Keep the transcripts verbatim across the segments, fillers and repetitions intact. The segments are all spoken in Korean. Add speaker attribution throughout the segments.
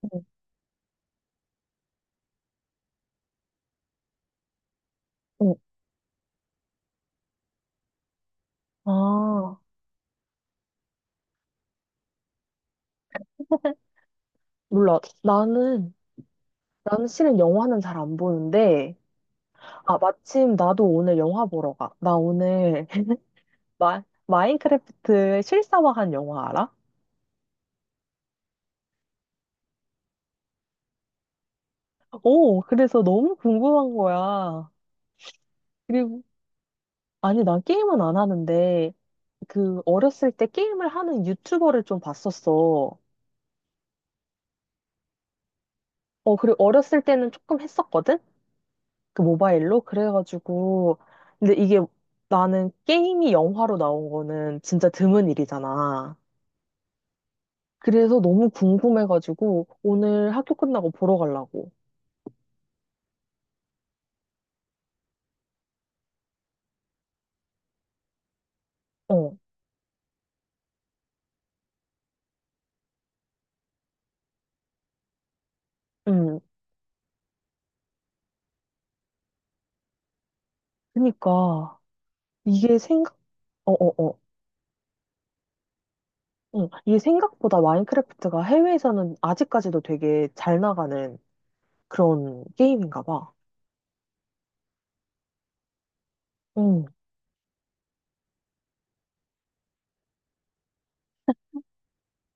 Speaker 1: 어, 어. 아, 몰라. 나는, 나는 실은 영화는 잘 안 보는데, 아, 마침 나도 오늘 영화 보러 가. 나 오늘 마, 마인크래프트 실사화한 영화 알아? 오, 그래서 너무 궁금한 거야. 그리고, 아니, 난 게임은 안 하는데, 그, 어렸을 때 게임을 하는 유튜버를 좀 봤었어. 어, 그리고 어렸을 때는 조금 했었거든? 그 모바일로 그래가지고 근데 이게 나는 게임이 영화로 나온 거는 진짜 드문 일이잖아. 그래서 너무 궁금해가지고 오늘 학교 끝나고 보러 가려고. 어, 음, 그니까 이게 생각, 어, 어, 어, 응, 이게 생각보다 마인크래프트가 해외에서는 아직까지도 되게 잘 나가는 그런 게임인가 봐. 응,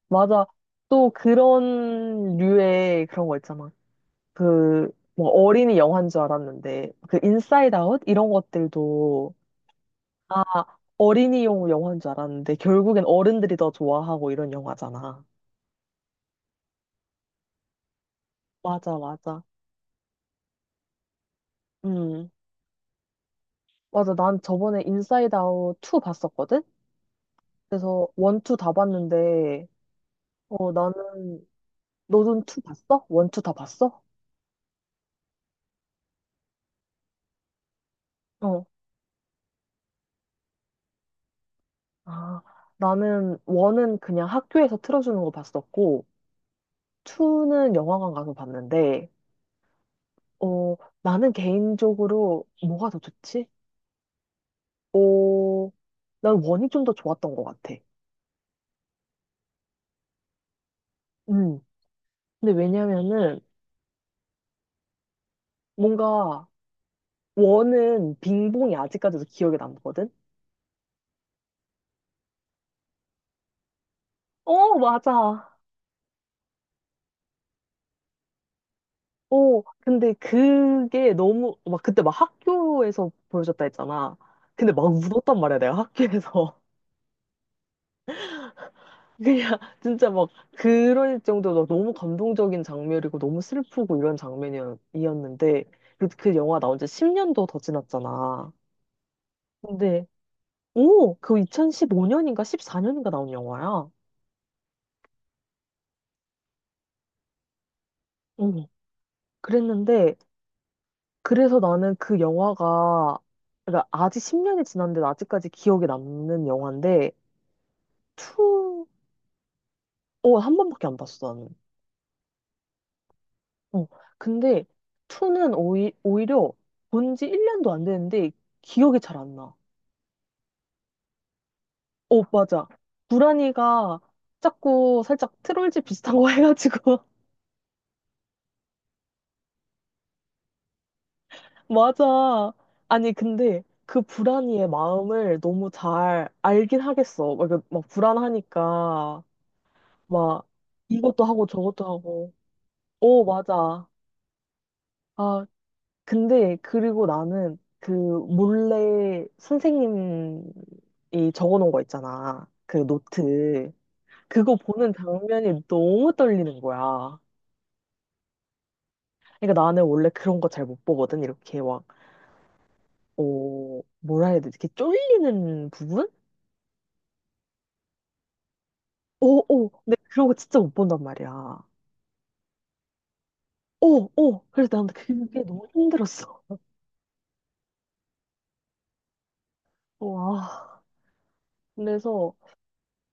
Speaker 1: 맞아. 또 그런 류의 그런 거 있잖아. 그, 뭐, 어린이 영화인 줄 알았는데, 그, 인사이드 아웃? 이런 것들도, 아, 어린이용 영화인 줄 알았는데, 결국엔 어른들이 더 좋아하고 이런 영화잖아. 맞아, 맞아. 음, 맞아. 난 저번에 인사이드 아웃 투 봤었거든? 그래서 원, 투 다 봤는데, 어, 나는, 너는 투 봤어? 원, 투 다 봤어? 어. 아, 나는 원은 그냥 학교에서 틀어주는 거 봤었고, 투는 영화관 가서 봤는데, 어, 나는 개인적으로 뭐가 더 좋지? 어, 난 원이 좀 더 좋았던 것 같아. 음. 근데 왜냐면은 뭔가 원은 빙봉이 아직까지도 기억에 남거든? 어, 맞아. 어, 근데 그게 너무, 막 그때 막 학교에서 보여줬다 했잖아. 근데 막 울었단 말이야, 내가 학교에서. 그냥 진짜 막 그럴 정도로 너무 감동적인 장면이고 너무 슬프고 이런 장면이었는데 그, 그 영화 나온 지 십 년도 더 지났잖아. 근데 오, 그 이천십오 년인가 십사 년인가 나온 영화야. 응. 그랬는데 그래서 나는 그 영화가 그러니까 아직 십 년이 지났는데 아직까지 기억에 남는 영화인데 투 어, 한 번밖에 안 봤어 나는. 어. 근데 투는 오히, 오히려 본 지 일 년도 안 됐는데 기억이 잘 안 나. 어, 맞아. 구란이가 자꾸 살짝 트롤즈 비슷한 거 해가지고. 맞아. 아니, 근데 그 불안이의 마음을 너무 잘 알긴 하겠어. 막, 이렇게 막 불안하니까, 막, 이것도 하고 저것도 하고. 오 맞아. 아, 근데, 그리고 나는 그 몰래 선생님이 적어놓은 거 있잖아. 그 노트. 그거 보는 장면이 너무 떨리는 거야. 그러니까 나는 원래 그런 거 잘 못 보거든. 이렇게 막, 어, 뭐라 해야 되지? 이렇게 쫄리는 부분? 오, 오. 근데 그런 거 진짜 못 본단 말이야. 오, 오. 그래서 난 그게 너무 힘들었어. 와. 그래서,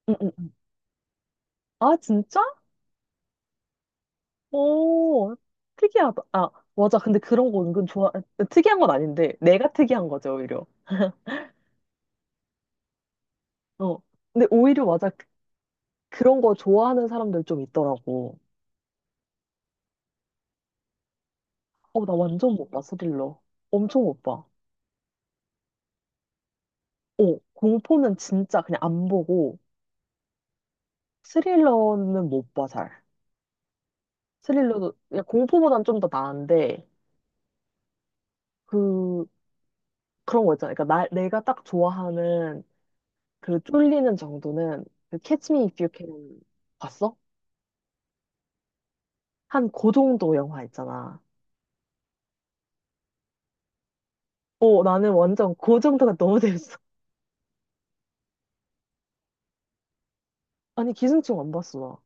Speaker 1: 응응응. 아, 진짜? 오, 특이하다. 아, 맞아. 근데 그런 거 은근 좋아. 아, 특이한 건 아닌데, 내가 특이한 거죠, 오히려. 어. 근데 오히려 맞아. 그- 그런 거 좋아하는 사람들 좀 있더라고. 어, 나 완전 못 봐, 스릴러. 엄청 못 봐. 어, 공포는 진짜 그냥 안 보고 스릴러는 못 봐, 잘. 스릴러도 그냥 공포보단 좀 더 나은데 그 그런 거 있잖아. 그러니까 나, 내가 딱 좋아하는 그 쫄리는 정도는 그 Catch Me If You Can 봤어? 한 그 정도 영화 있잖아. 어, 나는 완전 그 정도가 너무 재밌어. 아니, 기생충 안 봤어,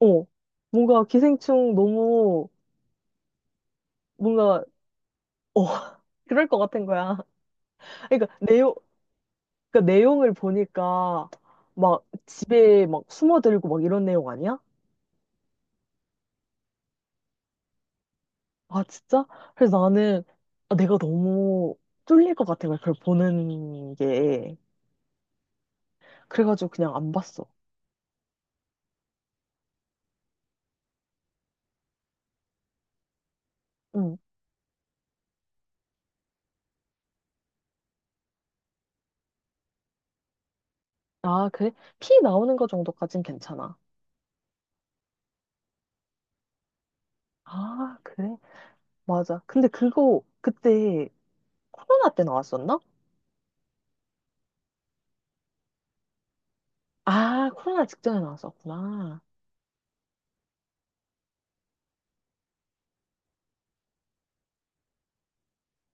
Speaker 1: 나. 어, 뭔가 기생충 너무 뭔가 어, 그럴 것 같은 거야. 그러니까 내용 그러니까 내용을 보니까 막 집에 막 숨어들고 막 이런 내용 아니야? 아, 진짜? 그래서 나는 아, 내가 너무 쫄릴 것 같은 거야, 그걸 보는 게. 그래가지고 그냥 안 봤어. 응. 아, 그래? 피 나오는 거 정도까진 괜찮아. 아, 그래? 맞아. 근데 그거 그때 코로나 때 나왔었나? 아, 코로나 직전에 나왔었구나.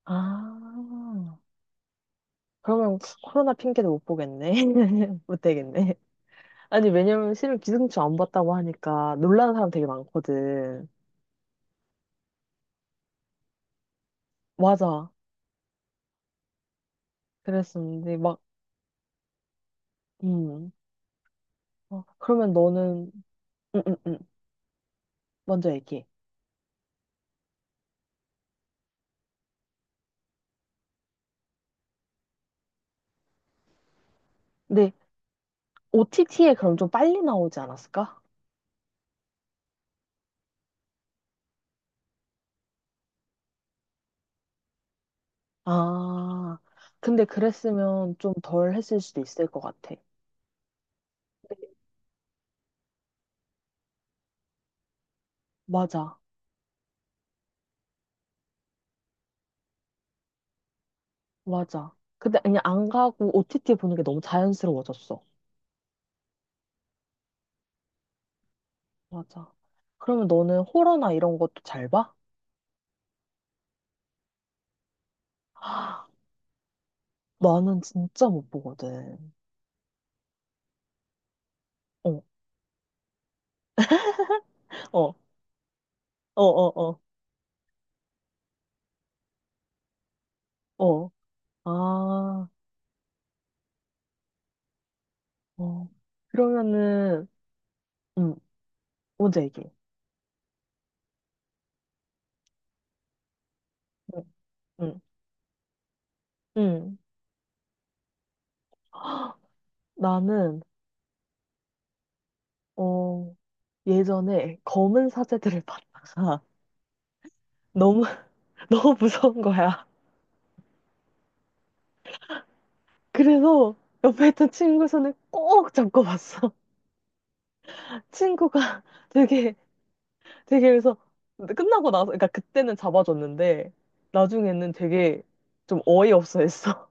Speaker 1: 아, 그러면 코로나 핑계도 못 보겠네. 못 되겠네. 아니, 왜냐면 실은 기생충 안 봤다고 하니까 놀라는 사람 되게 많거든. 맞아. 그랬었는데, 막, 음. 어, 그러면 너는, 음, 음, 음. 먼저 얘기해. 근데 오티티에 그럼 좀 빨리 나오지 않았을까? 아, 근데 그랬으면 좀 덜 했을 수도 있을 것 같아. 맞아. 맞아. 근데 그냥 안 가고 오티티 보는 게 너무 자연스러워졌어. 맞아. 그러면 너는 호러나 이런 것도 잘 봐? 아, 나는 진짜 못 보거든. 어, 어. 어, 어, 어, 어. 아, 어. 그러면은, 음, 먼저 얘기해. 응, 응, 응. 헉, 나는, 어, 예전에 검은 사제들을 봤다가 너무, 너무 무서운 거야. 그래서 옆에 있던 친구 손을 꼭 잡고 봤어. 친구가 되게, 되게 그래서 끝나고 나서, 그러니까 그때는 잡아줬는데, 나중에는 되게 좀 어이없어 했어.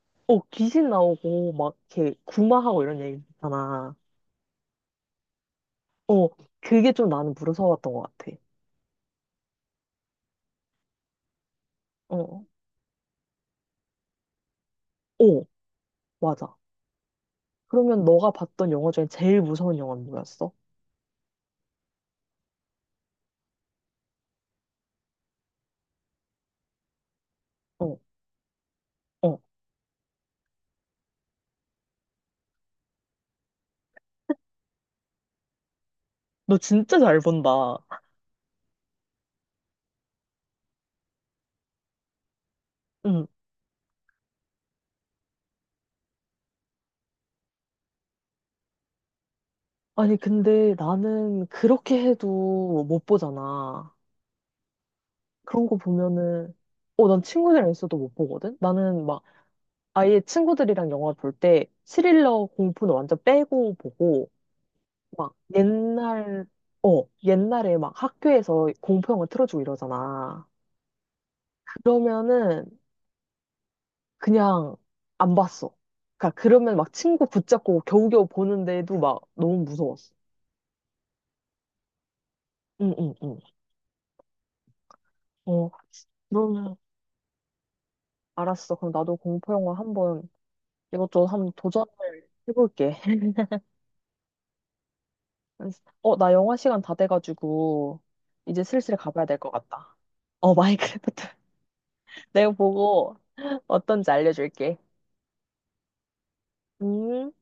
Speaker 1: 어, 귀신 나오고 막 이렇게 구마하고 이런 얘기 있잖아. 어, 그게 좀 나는 무서웠던 것 같아. 어, 어, 맞아. 그러면 너가 봤던 영화 중에 제일 무서운 영화는 뭐였어? 어, 어, 너 진짜 잘 본다. 응. 아니, 근데 나는 그렇게 해도 못 보잖아. 그런 거 보면은, 어, 난 친구들이랑 있어도 못 보거든? 나는 막 아예 친구들이랑 영화 볼 때 스릴러 공포는 완전 빼고 보고, 막 옛날, 옛날에 막 학교에서 공포영화 틀어주고 이러잖아. 그러면은, 그냥 안 봤어. 그러니까 그러면 막 친구 붙잡고 겨우겨우 보는데도 막 너무 무서웠어. 응, 응, 응. 어, 그러면 알았어. 그럼 나도 공포 영화 한번 이것저것 한번 도전을 해볼게. 어, 나 영화 시간 다 돼가지고 이제 슬슬 가봐야 될 것 같다. 어, 마이크래프트. 내가 보고 어떤지 알려줄게. 음.